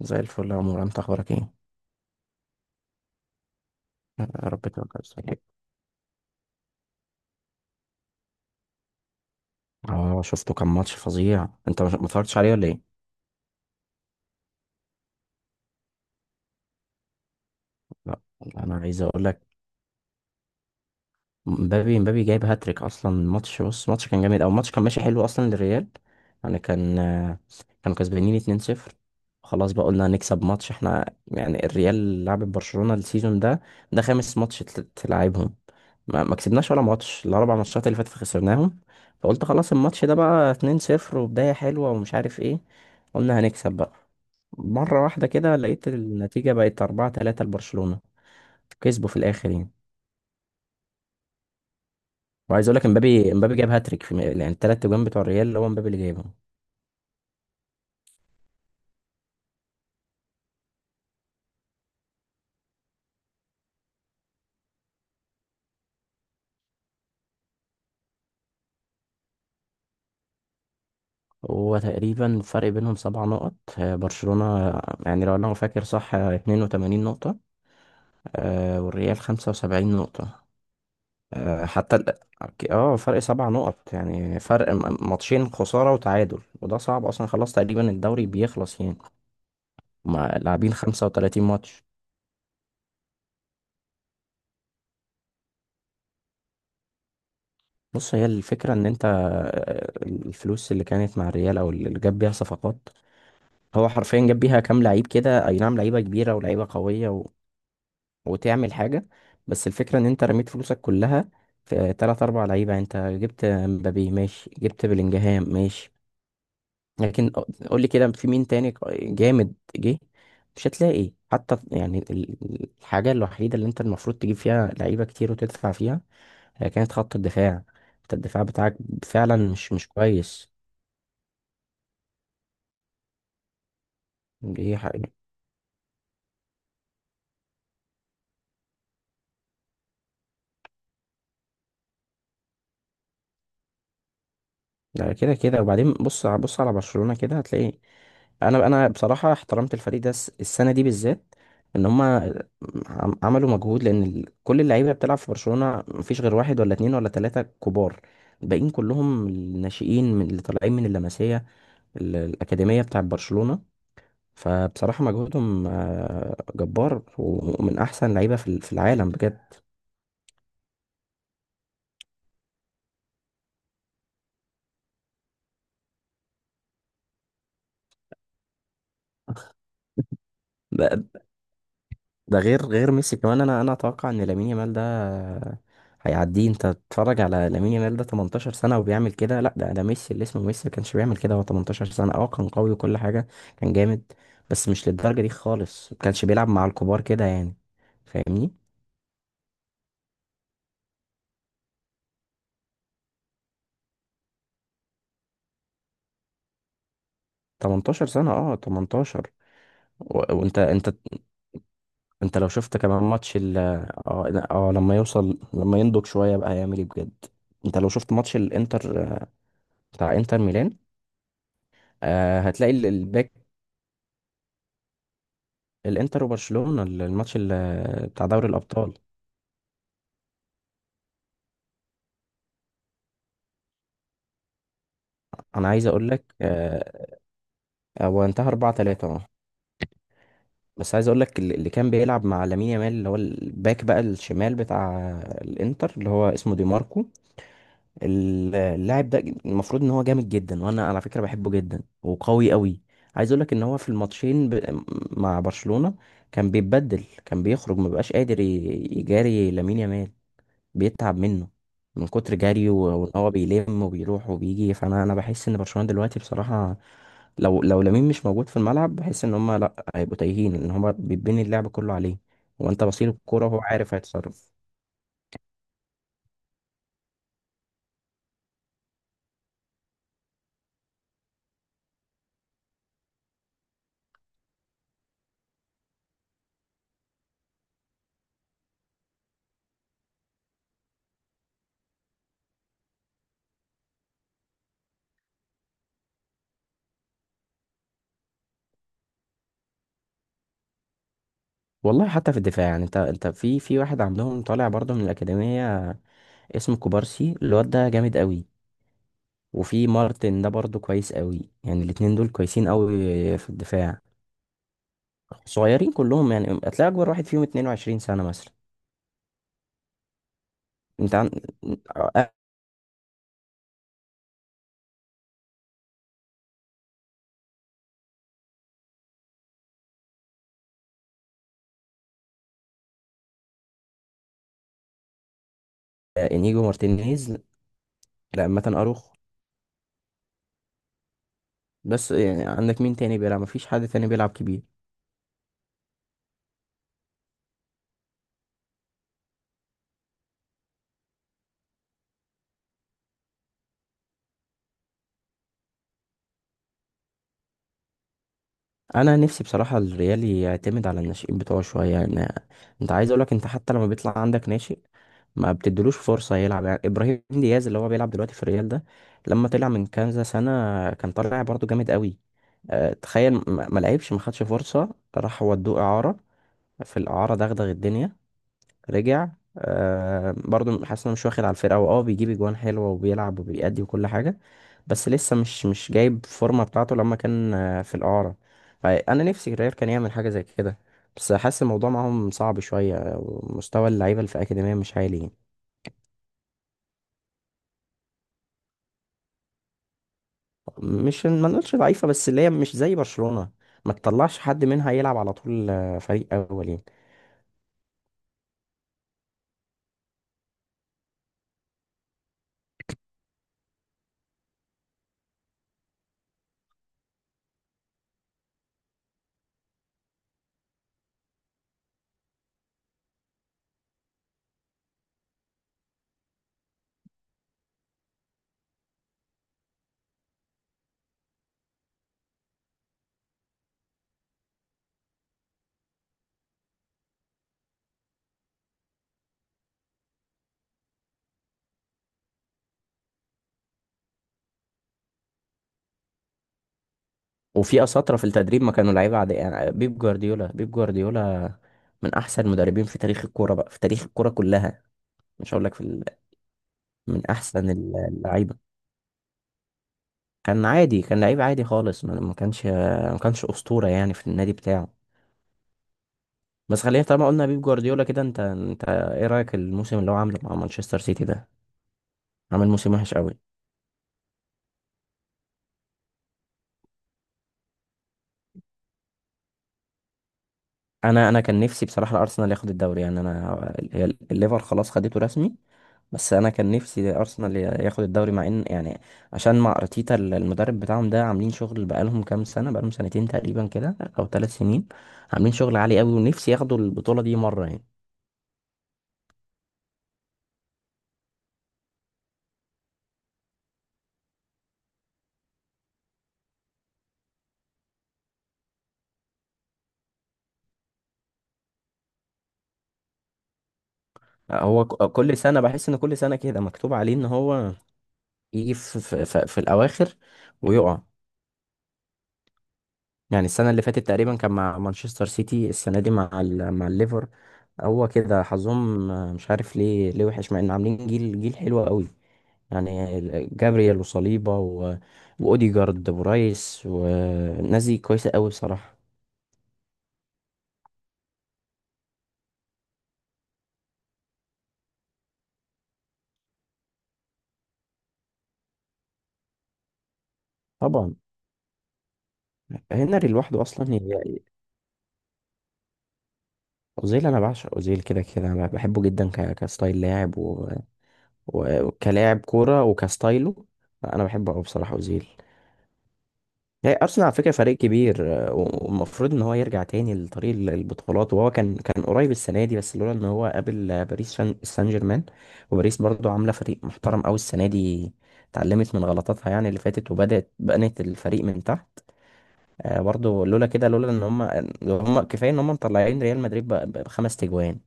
زي الفل يا عمر، انت اخبارك ايه؟ يا رب تبقى بخير. اه شفته، كان ماتش فظيع. انت ما اتفرجتش عليه ولا ايه؟ لا، انا عايز اقول لك، مبابي جايب هاتريك اصلا. الماتش كان جامد، او الماتش كان ماشي حلو اصلا للريال. يعني كانوا كسبانين 2-0، خلاص بقى قلنا هنكسب ماتش احنا، يعني الريال لعبت برشلونة السيزون ده، ده خامس ماتش تلعبهم. ما كسبناش ولا ماتش، الاربع ماتشات اللي فاتت خسرناهم. فقلت خلاص الماتش ده بقى 2-0 وبداية حلوة ومش عارف ايه، قلنا هنكسب بقى. مرة واحدة كده لقيت النتيجة بقت 4-3 لبرشلونة، كسبوا في الاخر يعني. وعايز اقول لك، امبابي جاب هاتريك في يعني الثلاث اجوان بتوع الريال، هو امبابي اللي جايبهم. هو تقريبا الفرق بينهم سبع نقط، برشلونة يعني لو انا فاكر صح 82 نقطة، والريال 75 نقطة. آه، حتى ال- اه فرق سبع نقط، يعني فرق ماتشين، خسارة وتعادل، وده صعب اصلا، خلاص تقريبا الدوري بيخلص يعني، هما لاعبين 35 ماتش. بص، هي الفكرة ان انت الفلوس اللي كانت مع الريال او اللي جاب بيها صفقات، هو حرفيا جاب بيها كام لعيب كده، اي نعم لعيبه كبيره ولعيبه قويه وتعمل حاجه، بس الفكره ان انت رميت فلوسك كلها في تلات اربع لعيبه، انت جبت مبابي ماشي، جبت بلينجهام ماشي، لكن قول لي كده في مين تاني جامد جه؟ مش هتلاقي، حتى يعني الحاجه الوحيده اللي انت المفروض تجيب فيها لعيبه كتير وتدفع فيها هي كانت خط الدفاع. انت الدفاع بتاعك فعلا مش كويس. دي حقيقة. ده كده كده. وبعدين بص على برشلونة كده هتلاقي، انا بصراحة احترمت الفريق ده السنة دي بالذات، ان هم عملوا مجهود، لان كل اللعيبة بتلعب في برشلونة مفيش غير واحد ولا اتنين ولا تلاتة كبار، الباقيين كلهم الناشئين، من اللي طالعين من اللمسية، الأكاديمية بتاعة برشلونة. فبصراحة مجهودهم جبار، ومن احسن لعيبة في في العالم بجد. ده غير ميسي كمان، انا اتوقع ان لامين يامال ده هيعديه. انت تتفرج على لامين يامال ده، 18 سنه وبيعمل كده؟ لا، ده ميسي، اللي اسمه ميسي ما كانش بيعمل كده هو 18 سنه. اه كان قوي وكل حاجه، كان جامد، بس مش للدرجه دي خالص، ما كانش بيلعب مع الكبار كده يعني، فاهمني؟ 18 سنه، اه، 18. و- وانت انت انت لو شفت كمان ماتش ال- اه لا، اه لما يوصل، لما ينضج شويه بقى هيعمل ايه بجد. انت لو شفت ماتش الانتر، بتاع انتر ميلان، آه هتلاقي الباك الانتر وبرشلونة، الماتش بتاع دوري الابطال. انا عايز اقول لك هو انتهى 4-3، اه. بس عايز اقول لك، اللي كان بيلعب مع لامين يامال، اللي هو الباك بقى الشمال بتاع الانتر، اللي هو اسمه دي ماركو، اللاعب ده، المفروض ان هو جامد جدا، وانا على فكرة بحبه جدا وقوي قوي. عايز اقول لك ان هو في الماتشين مع برشلونة، كان بيتبدل، كان بيخرج، مبقاش قادر يجاري لامين يامال، بيتعب منه من كتر جري، وان هو بيلم وبيروح وبيجي. فانا بحس ان برشلونة دلوقتي بصراحة، لو لامين مش موجود في الملعب، بحس ان هم لا، هيبقوا تايهين، لان هم بيتبني اللعب كله عليه، هو انت بصيل الكوره وهو عارف هيتصرف. والله حتى في الدفاع، يعني انت في واحد عندهم طالع برضه من الاكاديميه اسمه كوبارسي، الواد ده جامد قوي، وفي مارتن ده برضه كويس قوي، يعني الاتنين دول كويسين قوي في الدفاع. صغيرين كلهم، يعني هتلاقي اكبر واحد فيهم 22 سنه مثلا. انت عن... آه، انيجو مارتينيز، لا مثلا اروخ، بس يعني عندك مين تاني بيلعب؟ مفيش حد تاني بيلعب كبير. انا نفسي بصراحه الريال يعتمد على الناشئين بتوعه شويه يعني، انت عايز اقولك، انت حتى لما بيطلع عندك ناشئ ما بتدلوش فرصه يلعب، يعني ابراهيم دياز اللي هو بيلعب دلوقتي في الريال ده، لما طلع من كنزة سنه كان طالع برضه جامد قوي، تخيل ما لعبش، ما خدش فرصه، راح ودوه اعاره. في الاعاره دغدغ الدنيا، رجع، آه برضو حاسس انه مش واخد على الفرقه، هو اه بيجيب اجوان حلوه وبيلعب وبيأدي وكل حاجه، بس لسه مش جايب فورمه بتاعته لما كان في الاعاره. فانا نفسي الريال كان يعمل حاجه زي كده، بس حاسس الموضوع معاهم صعب شويه، ومستوى اللعيبه اللي في الاكاديميه مش عالي يعني. مش ما نقولش ضعيفه، بس اللي هي مش زي برشلونه، ما تطلعش حد منها يلعب على طول فريق اول يعني. وفي اساطره في التدريب ما كانوا لعيبه عاديه، يعني بيب جوارديولا، من احسن المدربين في تاريخ الكوره بقى، في تاريخ الكوره كلها. مش هقول لك في ال... من احسن اللعيبه، كان عادي، كان لعيب عادي خالص، ما كانش اسطوره يعني في النادي بتاعه. بس خلينا طالما قلنا بيب جوارديولا كده، انت ايه رايك الموسم اللي هو عامله مع مانشستر سيتي ده؟ عامل موسم وحش قوي. انا كان نفسي بصراحه الارسنال ياخد الدوري، يعني انا، هي الليفر خلاص خدته رسمي، بس انا كان نفسي ارسنال ياخد الدوري، مع ان يعني، عشان مع ارتيتا المدرب بتاعهم ده، عاملين شغل بقالهم كام سنه، بقالهم سنتين تقريبا كده او ثلاث سنين، عاملين شغل عالي قوي، ونفسي ياخدوا البطوله دي مره يعني. هو كل سنه بحس ان كل سنه كده مكتوب عليه ان هو يجي في الاواخر ويقع. يعني السنه اللي فاتت تقريبا كان مع مانشستر سيتي، السنه دي مع مع الليفر. هو كده حظهم، مش عارف ليه، وحش مع ان عاملين جيل، حلو قوي، يعني جابرييل وصليبا واوديجارد ورايس والناس دي كويسه قوي بصراحه. طبعا، هنري لوحده اصلا يعني. اوزيل، انا بعشق اوزيل كده كده، انا بحبه جدا كستايل لاعب وكلاعب كوره وكستايله، انا بحبه قوي بصراحه اوزيل. يعني ارسنال على فكره فريق كبير، والمفروض ان هو يرجع تاني لطريق البطولات، وهو كان قريب السنه دي، بس لولا ان هو قابل باريس سان جيرمان. وباريس برضو عامله فريق محترم قوي السنه دي، اتعلمت من غلطاتها يعني اللي فاتت، وبدات بنت الفريق من تحت، برضو لولا كده، لولا ان هم كفايه ان هم مطلعين ريال مدريد بخمس تجوان.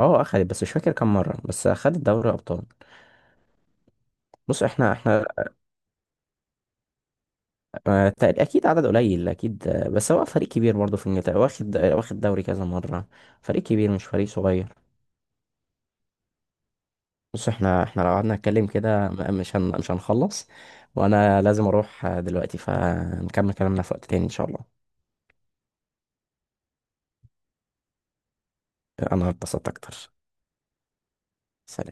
اه اخدت، بس مش فاكر كام مره، بس اخدت دوري ابطال. بص احنا اكيد عدد قليل، اكيد، بس هو فريق كبير برضه في انجلترا، واخد دوري كذا مره، فريق كبير مش فريق صغير. بص احنا لو قعدنا نتكلم كده مش هنخلص، وانا لازم اروح دلوقتي، فنكمل كلامنا في وقت تاني ان شاء الله. انا اتبسطت اكتر. سلام.